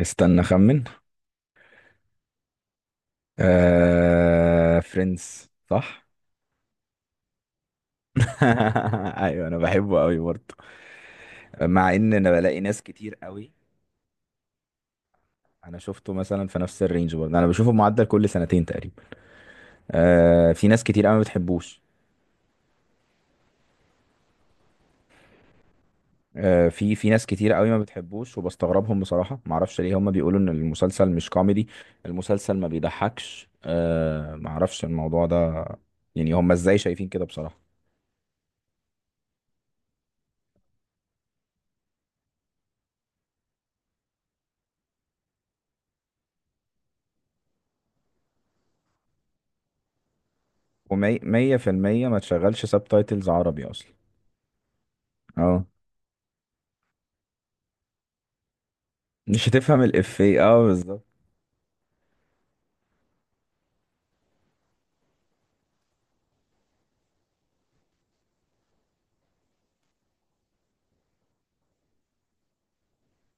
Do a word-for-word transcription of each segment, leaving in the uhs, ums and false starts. استنى اخمن. آه... فريندز، صح؟ ايوه، انا بحبه قوي برضه، مع ان انا بلاقي ناس كتير قوي. انا شفته مثلا في نفس الرينج برضه، انا بشوفه معدل كل سنتين تقريبا. آه... في ناس كتير قوي ما بتحبوش. آه، في في ناس كتير قوي ما بتحبوش، وبستغربهم بصراحة. ما اعرفش ليه هم بيقولوا ان المسلسل مش كوميدي، المسلسل ما بيضحكش. آه، ما اعرفش الموضوع ده. يعني هم ازاي شايفين كده بصراحة؟ ومية مية في المية ما تشغلش سب تايتلز عربي اصلا. اه، مش هتفهم الافيه، اه، بالظبط.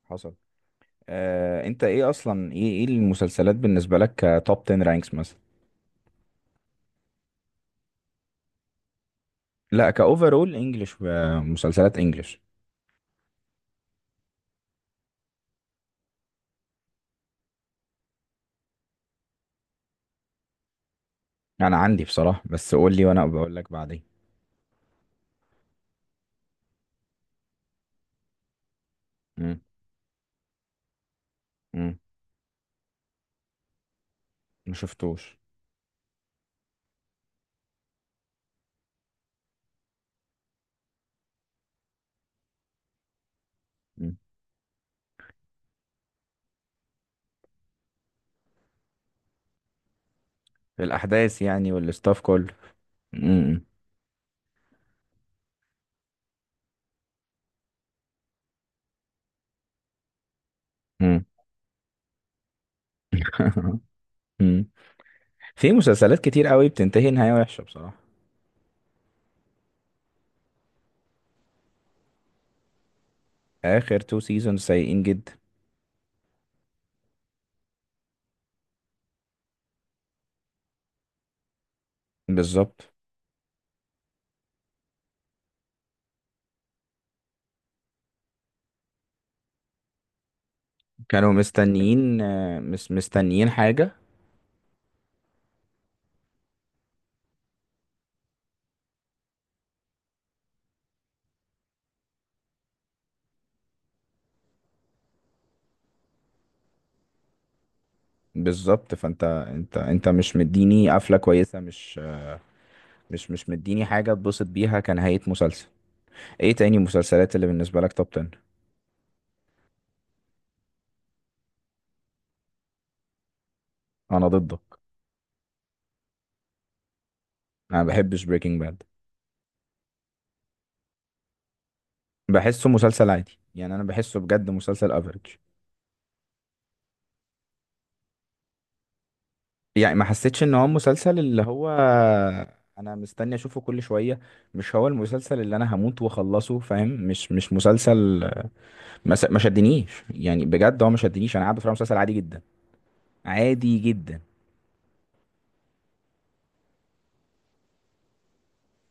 حصل. آه انت ايه اصلا، ايه ايه المسلسلات بالنسبة لك؟ كتوب عشرة رانكس مثلا؟ لا، كاوفرول انجلش، مسلسلات انجلش. انا عندي بصراحة، بس قول لي وانا بقول لك بعدين. امم. امم. ما شفتوش. مم. الاحداث يعني، والستاف كله. امم. امم. امم. في مسلسلات كتير قوي بتنتهي نهاية وحشة بصراحة. اخر تو سيزون سيئين جدا. بالظبط. كانوا مستنيين، آه، مس مستنيين حاجة. بالظبط، فانت انت انت مش مديني قفلة كويسة. مش مش مش مديني حاجة اتبسط بيها كنهاية مسلسل. ايه تاني مسلسلات اللي بالنسبة لك توب تن؟ انا ضدك. انا ما بحبش بريكنج باد. بحسه مسلسل عادي يعني، انا بحسه بجد مسلسل افريج. يعني ما حسيتش ان هو مسلسل اللي هو انا مستني اشوفه كل شوية، مش هو المسلسل اللي انا هموت واخلصه، فاهم؟ مش مش مسلسل. ما س- ما شدنيش، يعني بجد هو ما شدنيش، انا قاعد بتفرج على مسلسل عادي جدا، عادي جدا.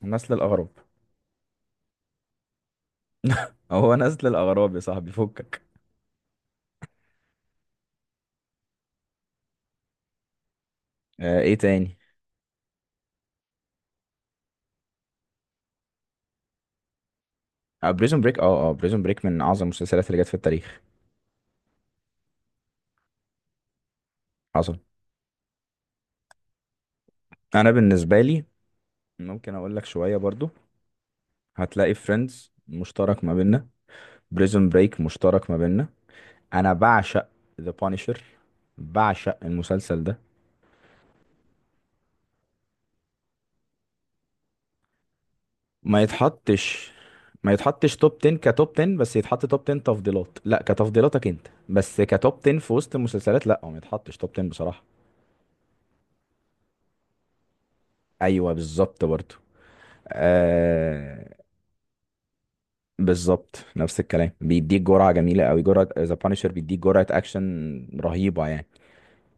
نسل الاغراب. هو نسل الاغراب يا صاحبي، فكك. آه، ايه تاني؟ آه، بريزون بريك. اه اه بريزون بريك من اعظم المسلسلات اللي جت في التاريخ. حصل. انا بالنسبه لي، ممكن اقول لك شويه برضو. هتلاقي فريندز مشترك ما بيننا، بريزون بريك مشترك ما بيننا. انا بعشق ذا بانشر، بعشق المسلسل ده. ما يتحطش ما يتحطش توب تن كتوب تن، بس يتحط توب تن تفضيلات، لا كتفضيلاتك انت، بس كتوب تن في وسط المسلسلات، لا، هو ما يتحطش توب تن بصراحه. ايوه بالظبط برضه. آه بالظبط، نفس الكلام، بيديك جرعه جميله قوي. جرعه ذا بانشر بيديك جرعه اكشن رهيبه يعني.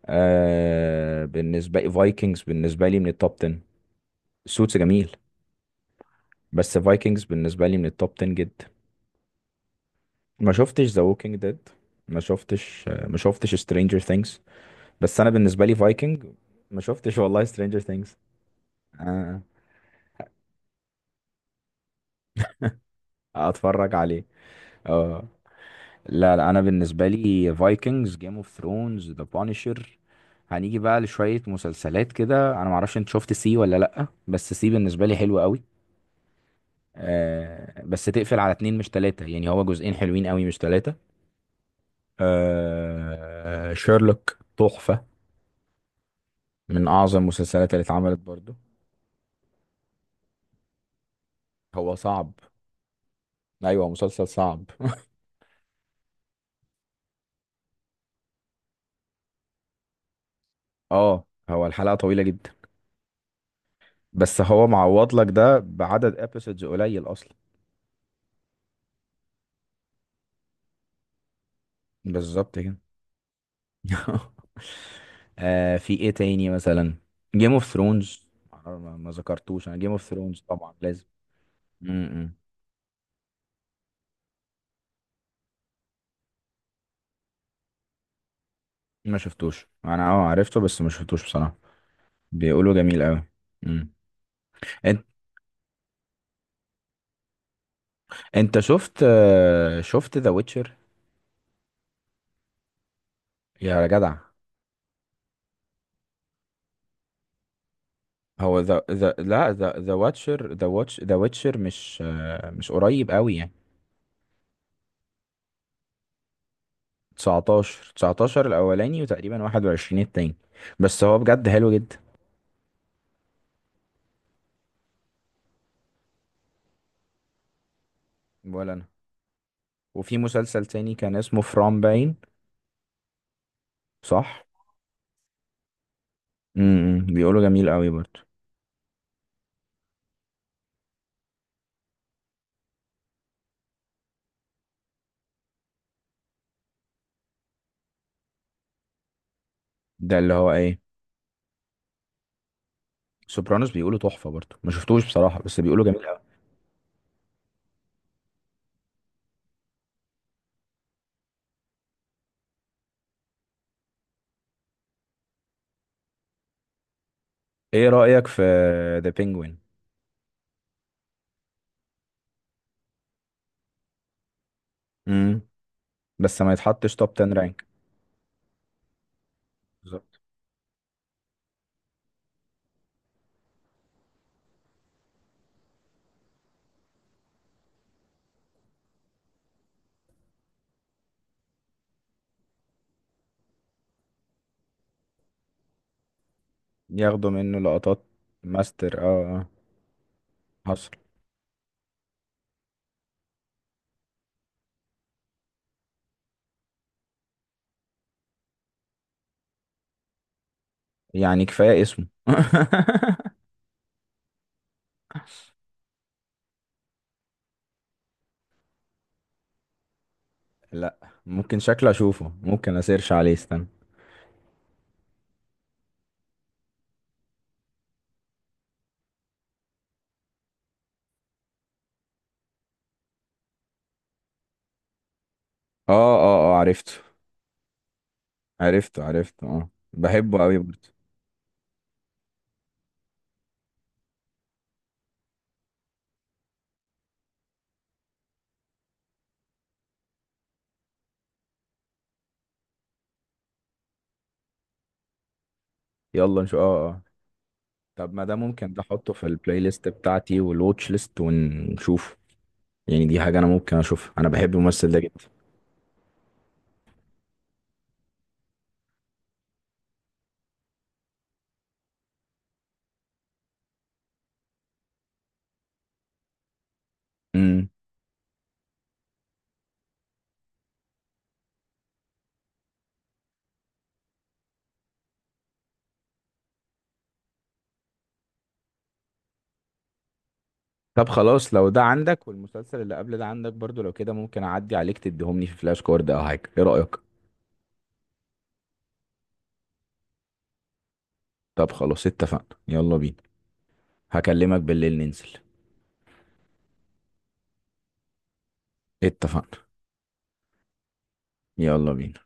آه، بالنسبه لي فايكنجز بالنسبه لي من التوب تن. سوتس جميل. بس فايكنجز بالنسبه لي من التوب تن جدا. ما شفتش ذا ووكينج ديد. ما شفتش آه، ما شفتش سترينجر ثينجز. بس انا بالنسبه لي فايكنج. ما شفتش والله سترينجر ثينجز. آه. اتفرج عليه. اه. لا، لا، انا بالنسبه لي فايكنجز، جيم اوف ثرونز، ذا بانشر. هنيجي بقى لشويه مسلسلات كده، انا معرفش انت شفت سي ولا لا، بس سي بالنسبه لي حلوه قوي. آه، بس تقفل على اتنين مش تلاته، يعني هو جزئين حلوين قوي، مش تلاته. آه، شيرلوك تحفه، من اعظم المسلسلات اللي اتعملت برضو. هو صعب. ايوه هو مسلسل صعب. اه. هو الحلقه طويله جدا، بس هو معوض لك ده بعدد ابيسودز قليل اصلا. بالظبط كده. آه، في ايه تاني مثلا؟ جيم اوف ثرونز. ما ما ذكرتوش انا، جيم اوف ثرونز طبعا لازم. امم. ما شفتوش انا، اه، عرفته بس ما شفتوش بصراحة. بيقولوا جميل قوي. امم. انت انت شفت، آه، شفت ذا ويتشر؟ يا جدع. هو ذا ذا لا، ذا ذا واتشر ذا واتش ذا ويتشر مش آه، مش قريب قوي يعني. تسعة عشر، تسعة عشر الاولاني وتقريبا واحد وعشرين التاني، بس هو بجد حلو جدا. ولا انا. وفي مسلسل تاني كان اسمه فرام باين. صح. امم. بيقولوا جميل قوي برضو. ده اللي هو ايه؟ سوبرانوس؟ بيقولوا تحفة برضو، ما شفتوش بصراحة، بس بيقولوا جميل قوي. ايه رأيك في ذا بينجوين؟ امم. بس ما يتحطش توب تن رانك. بالظبط. ياخدوا منه لقطات ماستر، اه. اه، حصل. يعني كفاية اسمه. لا، ممكن شكله اشوفه، ممكن اسيرش عليه، استنى. اه، اه، اه، عرفته، عرفته، عرفته، اه، بحبه قوي برضه. يلا نشوف، اه اه. طب ما ده ممكن، ده احطه في البلاي ليست بتاعتي والواتش ليست ونشوفه. يعني دي حاجة انا ممكن اشوفها، انا بحب الممثل ده جدا. امم. طب خلاص، لو ده عندك والمسلسل اللي قبل ده عندك برضو، لو كده ممكن اعدي عليك تديهم لي في فلاش كارد او حاجة، ايه رأيك؟ طب خلاص اتفقنا، يلا بينا. هكلمك بالليل ننزل. اتفقنا. يلا بينا.